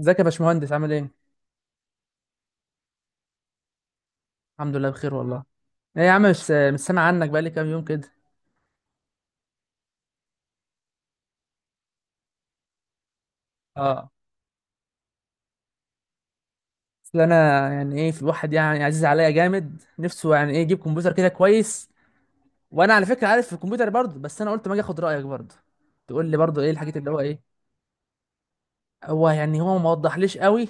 ازيك يا باشمهندس عامل ايه؟ الحمد لله بخير والله. ايه يا عم مش سامع عنك بقالي كام يوم كده. اه، اصل انا يعني ايه في الواحد يعني عزيز عليا جامد نفسه يعني ايه يجيب كمبيوتر كده كويس. وانا على فكره عارف في الكمبيوتر برضه، بس انا قلت ما اجي اخد رايك برضه، تقول لي برضه ايه الحاجات اللي هو ايه. هو يعني هو ما وضحليش قوي.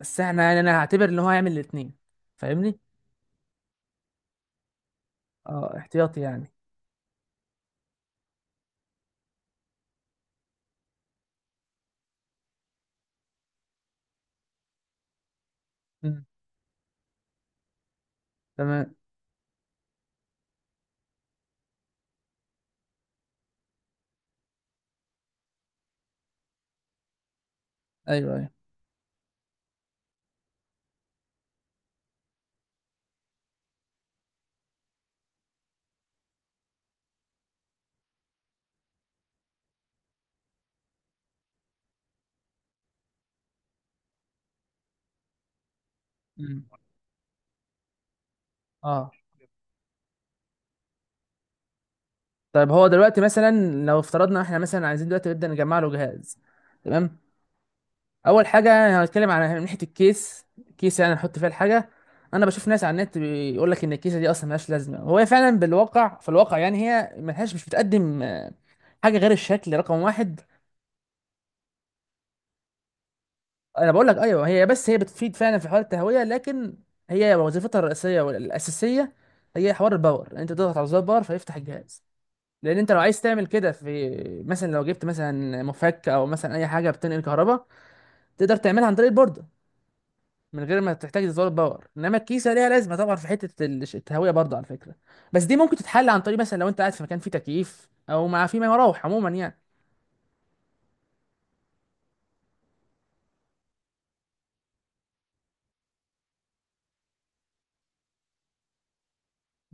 بس احنا يعني انا هعتبر ان هو هيعمل الاثنين. فاهمني؟ اه، احتياطي يعني. مم. تمام. ايوه ايوه. مم. اه. طيب هو دلوقتي مثلا لو افترضنا احنا مثلا عايزين دلوقتي نبدا نجمع له جهاز. تمام. اول حاجه يعني هنتكلم على من ناحيه الكيس، كيس يعني نحط فيها الحاجه. انا بشوف ناس على النت بيقول لك ان الكيسه دي اصلا ملهاش لازمه، وهي فعلا بالواقع في الواقع يعني هي ملهاش مش بتقدم حاجه غير الشكل رقم واحد. انا بقول لك ايوه هي، بس هي بتفيد فعلا في حوار التهويه، لكن هي وظيفتها الرئيسيه والاساسيه هي حوار الباور، يعني انت تضغط على زرار باور فيفتح الجهاز. لان انت لو عايز تعمل كده، في مثلا لو جبت مثلا مفك او مثلا اي حاجه بتنقل كهرباء، تقدر تعملها عن طريق البورده من غير ما تحتاج تزود باور. انما الكيسه ليها لازمه طبعا في حته التهويه برضه على فكره. بس دي ممكن تتحل عن طريق مثلا لو انت قاعد في مكان فيه تكييف او مع فيه مراوح عموما يعني.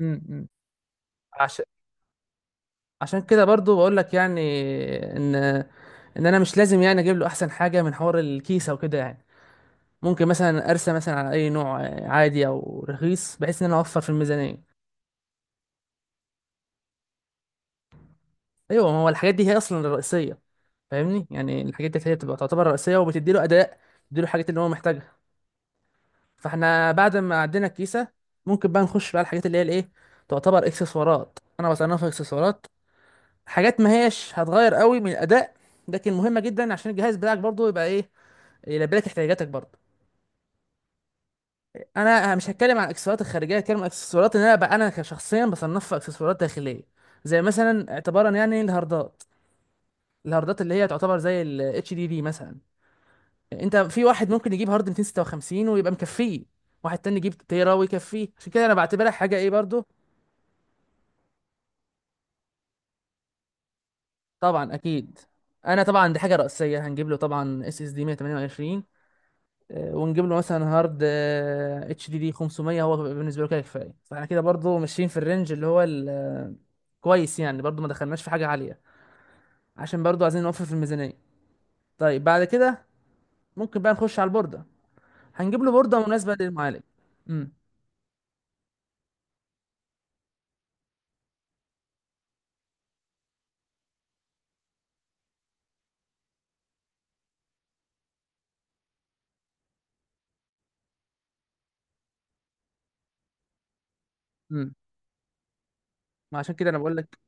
امم، عشان عشان كده برضو بقول لك يعني ان ان انا مش لازم يعني اجيب له احسن حاجه من حوار الكيسه وكده يعني. ممكن مثلا ارسى مثلا على اي نوع عادي او رخيص، بحيث ان انا اوفر في الميزانيه. ايوه، ما هو الحاجات دي هي اصلا الرئيسيه. فاهمني، يعني الحاجات دي هي بتبقى تعتبر رئيسيه، وبتدي له اداء، بتدي له الحاجات اللي هو محتاجها. فاحنا بعد ما عدينا الكيسه ممكن بقى نخش بقى على الحاجات اللي هي الايه، تعتبر اكسسوارات، انا بصنفها اكسسوارات. حاجات ما هيش هتغير قوي من الاداء، لكن مهمه جدا عشان الجهاز بتاعك برضه يبقى ايه، يلبي لك احتياجاتك برضه. انا مش هتكلم عن الاكسسوارات الخارجيه، هتكلم عن الاكسسوارات اللي انا بقى انا كشخصيا بصنفها اكسسوارات داخليه. زي مثلا اعتبارا يعني الهاردات، الهاردات اللي هي تعتبر زي ال HDD مثلا. انت في واحد ممكن يجيب هارد 256 ويبقى مكفيه، واحد تاني يجيب تيرا ويكفيه. عشان كده انا بعتبرها حاجه ايه برضو. طبعا اكيد، انا طبعا دي حاجه رئيسيه، هنجيب له طبعا اس اس دي 128 ونجيب له مثلا هارد اتش دي دي 500، هو بيبقى بالنسبه له كده كفايه. فاحنا كده برضو ماشيين في الرينج اللي هو الكويس يعني، برضو ما دخلناش في حاجه عاليه، عشان برضو عايزين نوفر في الميزانيه. طيب بعد كده ممكن بقى نخش على البورده. هنجيب له بورده مناسبه للمعالج. امم. امم، عشان كده انا بقول لك،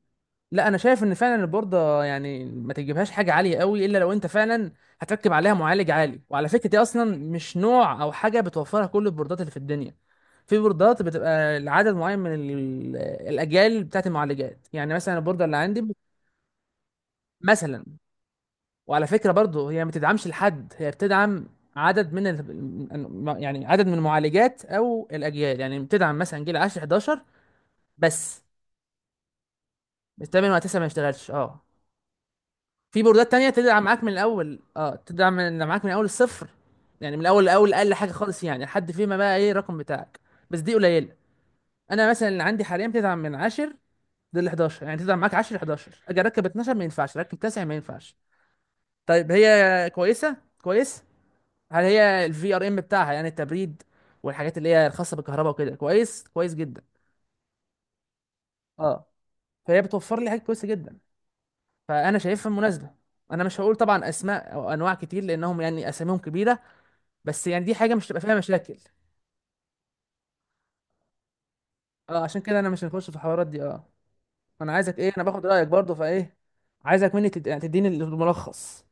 لا انا شايف ان فعلا البورده يعني ما تجيبهاش حاجه عاليه قوي الا لو انت فعلا هتركب عليها معالج عالي. وعلى فكره دي اصلا مش نوع او حاجه بتوفرها كل البوردات اللي في الدنيا. في بوردات بتبقى لعدد معين من الاجيال بتاعت المعالجات، يعني مثلا البورده اللي عندي مثلا، وعلى فكره برضو هي ما تدعمش لحد، هي بتدعم عدد من يعني عدد من المعالجات او الاجيال، يعني بتدعم مثلا جيل 10 11 بس، الثامن وتسعة ما يشتغلش. اه، في بوردات تانية تدعم معاك من الأول، اه، تدعم من معاك من أول الصفر، يعني من الأول لأول أقل حاجة خالص يعني لحد فيما بقى إيه الرقم بتاعك. بس دي قليلة. أنا مثلا اللي عندي حاليا بتدعم من 10 لل 11، يعني تدعم معاك 10 11، أجي أركب 12 ما ينفعش، أركب 9 ما ينفعش. طيب هي كويسة كويس، هل هي الفي ار ام بتاعها يعني التبريد والحاجات اللي هي الخاصة بالكهرباء وكده؟ كويس كويس جدا، اه. فهي بتوفر لي حاجات كويسة جدا، فأنا شايفها مناسبة. أنا مش هقول طبعا أسماء أو أنواع كتير لأنهم يعني أساميهم كبيرة، بس يعني دي حاجه مش هتبقى فيها مشاكل. اه، عشان كده انا مش هنخش في الحوارات دي. اه، انا عايزك ايه، انا باخد رايك برضه فايه. عايزك مني يعني تديني الملخص.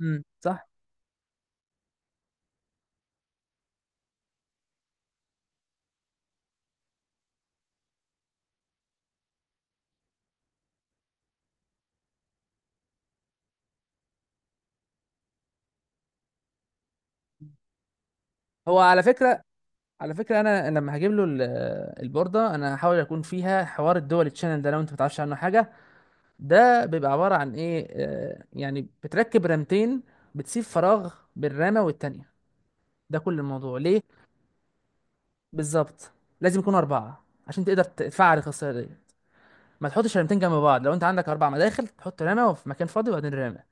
امم، صح. هو على فكره، على فكره انا لما هجيب له البورده انا هحاول اكون فيها حوار الدول تشانل، ده لو انت ما تعرفش عنه حاجه. ده بيبقى عباره عن ايه يعني بتركب رامتين، بتسيب فراغ بين رامه والتانيه، ده كل الموضوع. ليه بالظبط؟ لازم يكونوا اربعه عشان تقدر تفعل الخاصيه دي. ما تحطش رمتين جنب بعض، لو انت عندك اربع مداخل تحط رمه وفي مكان فاضي وبعدين رمه.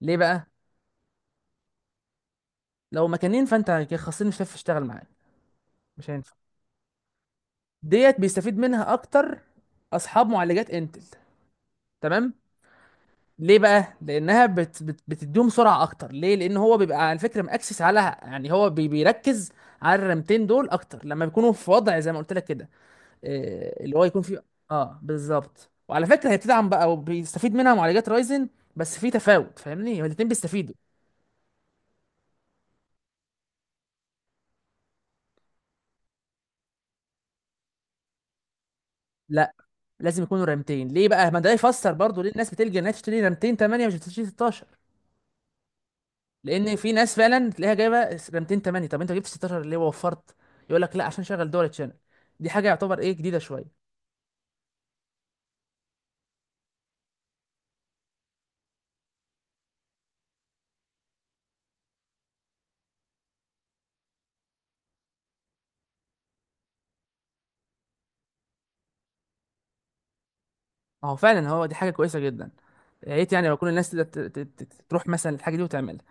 ليه بقى؟ لو مكانين فانت الخاصين مش هتعرف تشتغل معاك، مش هينفع. ديت بيستفيد منها اكتر اصحاب معالجات انتل، تمام. ليه بقى؟ لانها بت بت بتديهم سرعه اكتر. ليه؟ لان هو بيبقى على فكره مأكسس على، يعني هو بيركز على الرمتين دول اكتر لما بيكونوا في وضع زي ما قلت لك كده، إيه اللي هو يكون فيه. اه بالظبط. وعلى فكره هي بتدعم بقى وبيستفيد منها معالجات رايزن، بس في تفاوت. فاهمني، هما الاتنين بيستفيدوا. لا، لازم يكونوا رامتين. ليه بقى؟ ما ده يفسر برضو ليه الناس بتلجأ انها تشتري رامتين 8 مش بتشتري 16. لان في ناس فعلا تلاقيها جايبه رامتين 8، طب انت جبت 16 ليه ووفرت؟ يقول لك لا، عشان شغل دول تشانل. دي حاجه يعتبر ايه، جديده شويه. ما هو فعلا هو دي حاجه كويسه جدا. يا ريت يعني لو كل الناس تقدر تروح مثلا الحاجه دي وتعملها.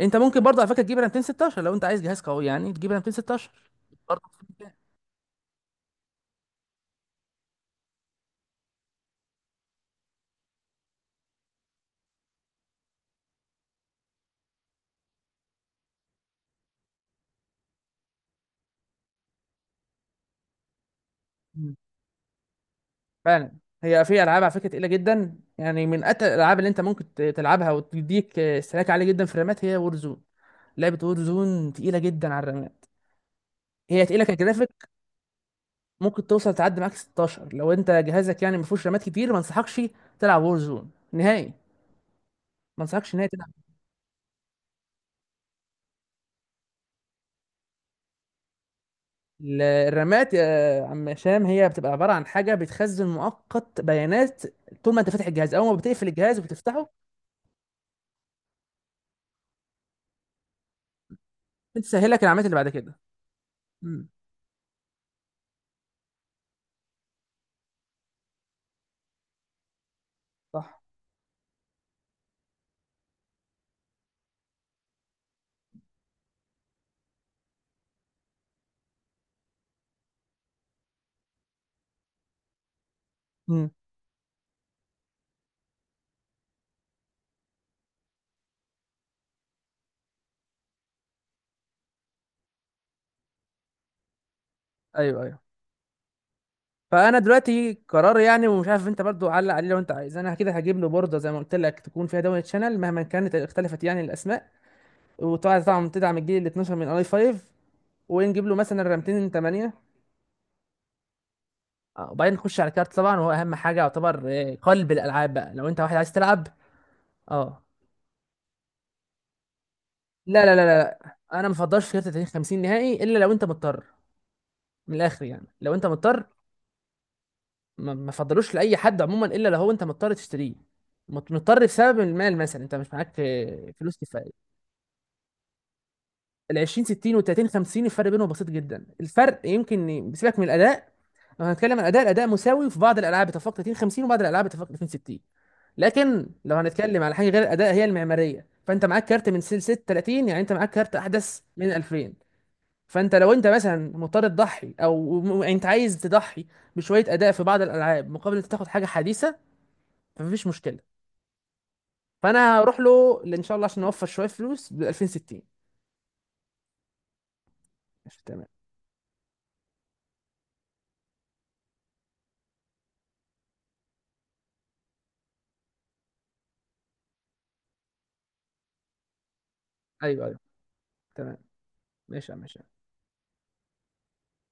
انت ممكن برضه على فكره تجيب رامتين 16 لو انت عايز جهاز قوي، يعني تجيب رامتين 16 برضه. فعلا هي في العاب على فكره تقيله جدا، يعني من اتقل الالعاب اللي انت ممكن تلعبها وتديك استهلاك عالي جدا في الرامات، هي وورزون. لعبه وورزون تقيله جدا على الرامات، هي تقيله كجرافيك. ممكن توصل تعدي معاك 16 لو انت جهازك يعني ما فيهوش رامات كتير. ما انصحكش تلعب وورزون نهائي، ما انصحكش نهائي تلعب. الرامات يا عم هشام هي بتبقى عباره عن حاجه بتخزن مؤقت بيانات، طول ما انت فاتح الجهاز. اول ما بتقفل الجهاز وبتفتحه، بتسهلك العمليات اللي بعد كده. امم. صح. امم. ايوه ايوه. فانا دلوقتي قرار يعني، ومش عارف انت برضو علق عليه لو انت عايز. انا كده هجيب له بورده زي ما قلت لك تكون فيها دول شانل، مهما كانت اختلفت يعني الاسماء. وطبعا طبعا تدعم الجيل ال 12 من اي 5. ونجيب له مثلا رامتين 8. اه، وبعدين نخش على الكارت طبعا، وهو اهم حاجه يعتبر اه، قلب الالعاب بقى لو انت واحد عايز تلعب. اه. لا لا لا لا، انا ما بفضلش كارت 30 50 نهائي الا لو انت مضطر. من الاخر يعني لو انت مضطر، ما ما فضلوش لاي حد عموما الا لو هو انت مضطر تشتريه. مضطر بسبب المال، مثلا انت مش معاك اه، فلوس كفايه. ال 20 60 وال 30 50 الفرق بينهم بسيط جدا. الفرق يمكن بسيبك من الاداء. لو هنتكلم عن الاداء، الاداء مساوي في بعض الالعاب اتفاق 30 50، وبعض الالعاب اتفاق 30 60. لكن لو هنتكلم على حاجه غير الاداء هي المعماريه، فانت معاك كارت من سلسله 30، يعني انت معاك كارت احدث من 2000. فانت لو انت مثلا مضطر تضحي او يعني انت عايز تضحي بشويه اداء في بعض الالعاب مقابل انت تاخد حاجه حديثه، فمفيش مشكله. فانا هروح له ان شاء الله عشان اوفر شويه فلوس ب 2060. ماشي، تمام. ايوه ايوه تمام. ماشي يا عم، ماشي.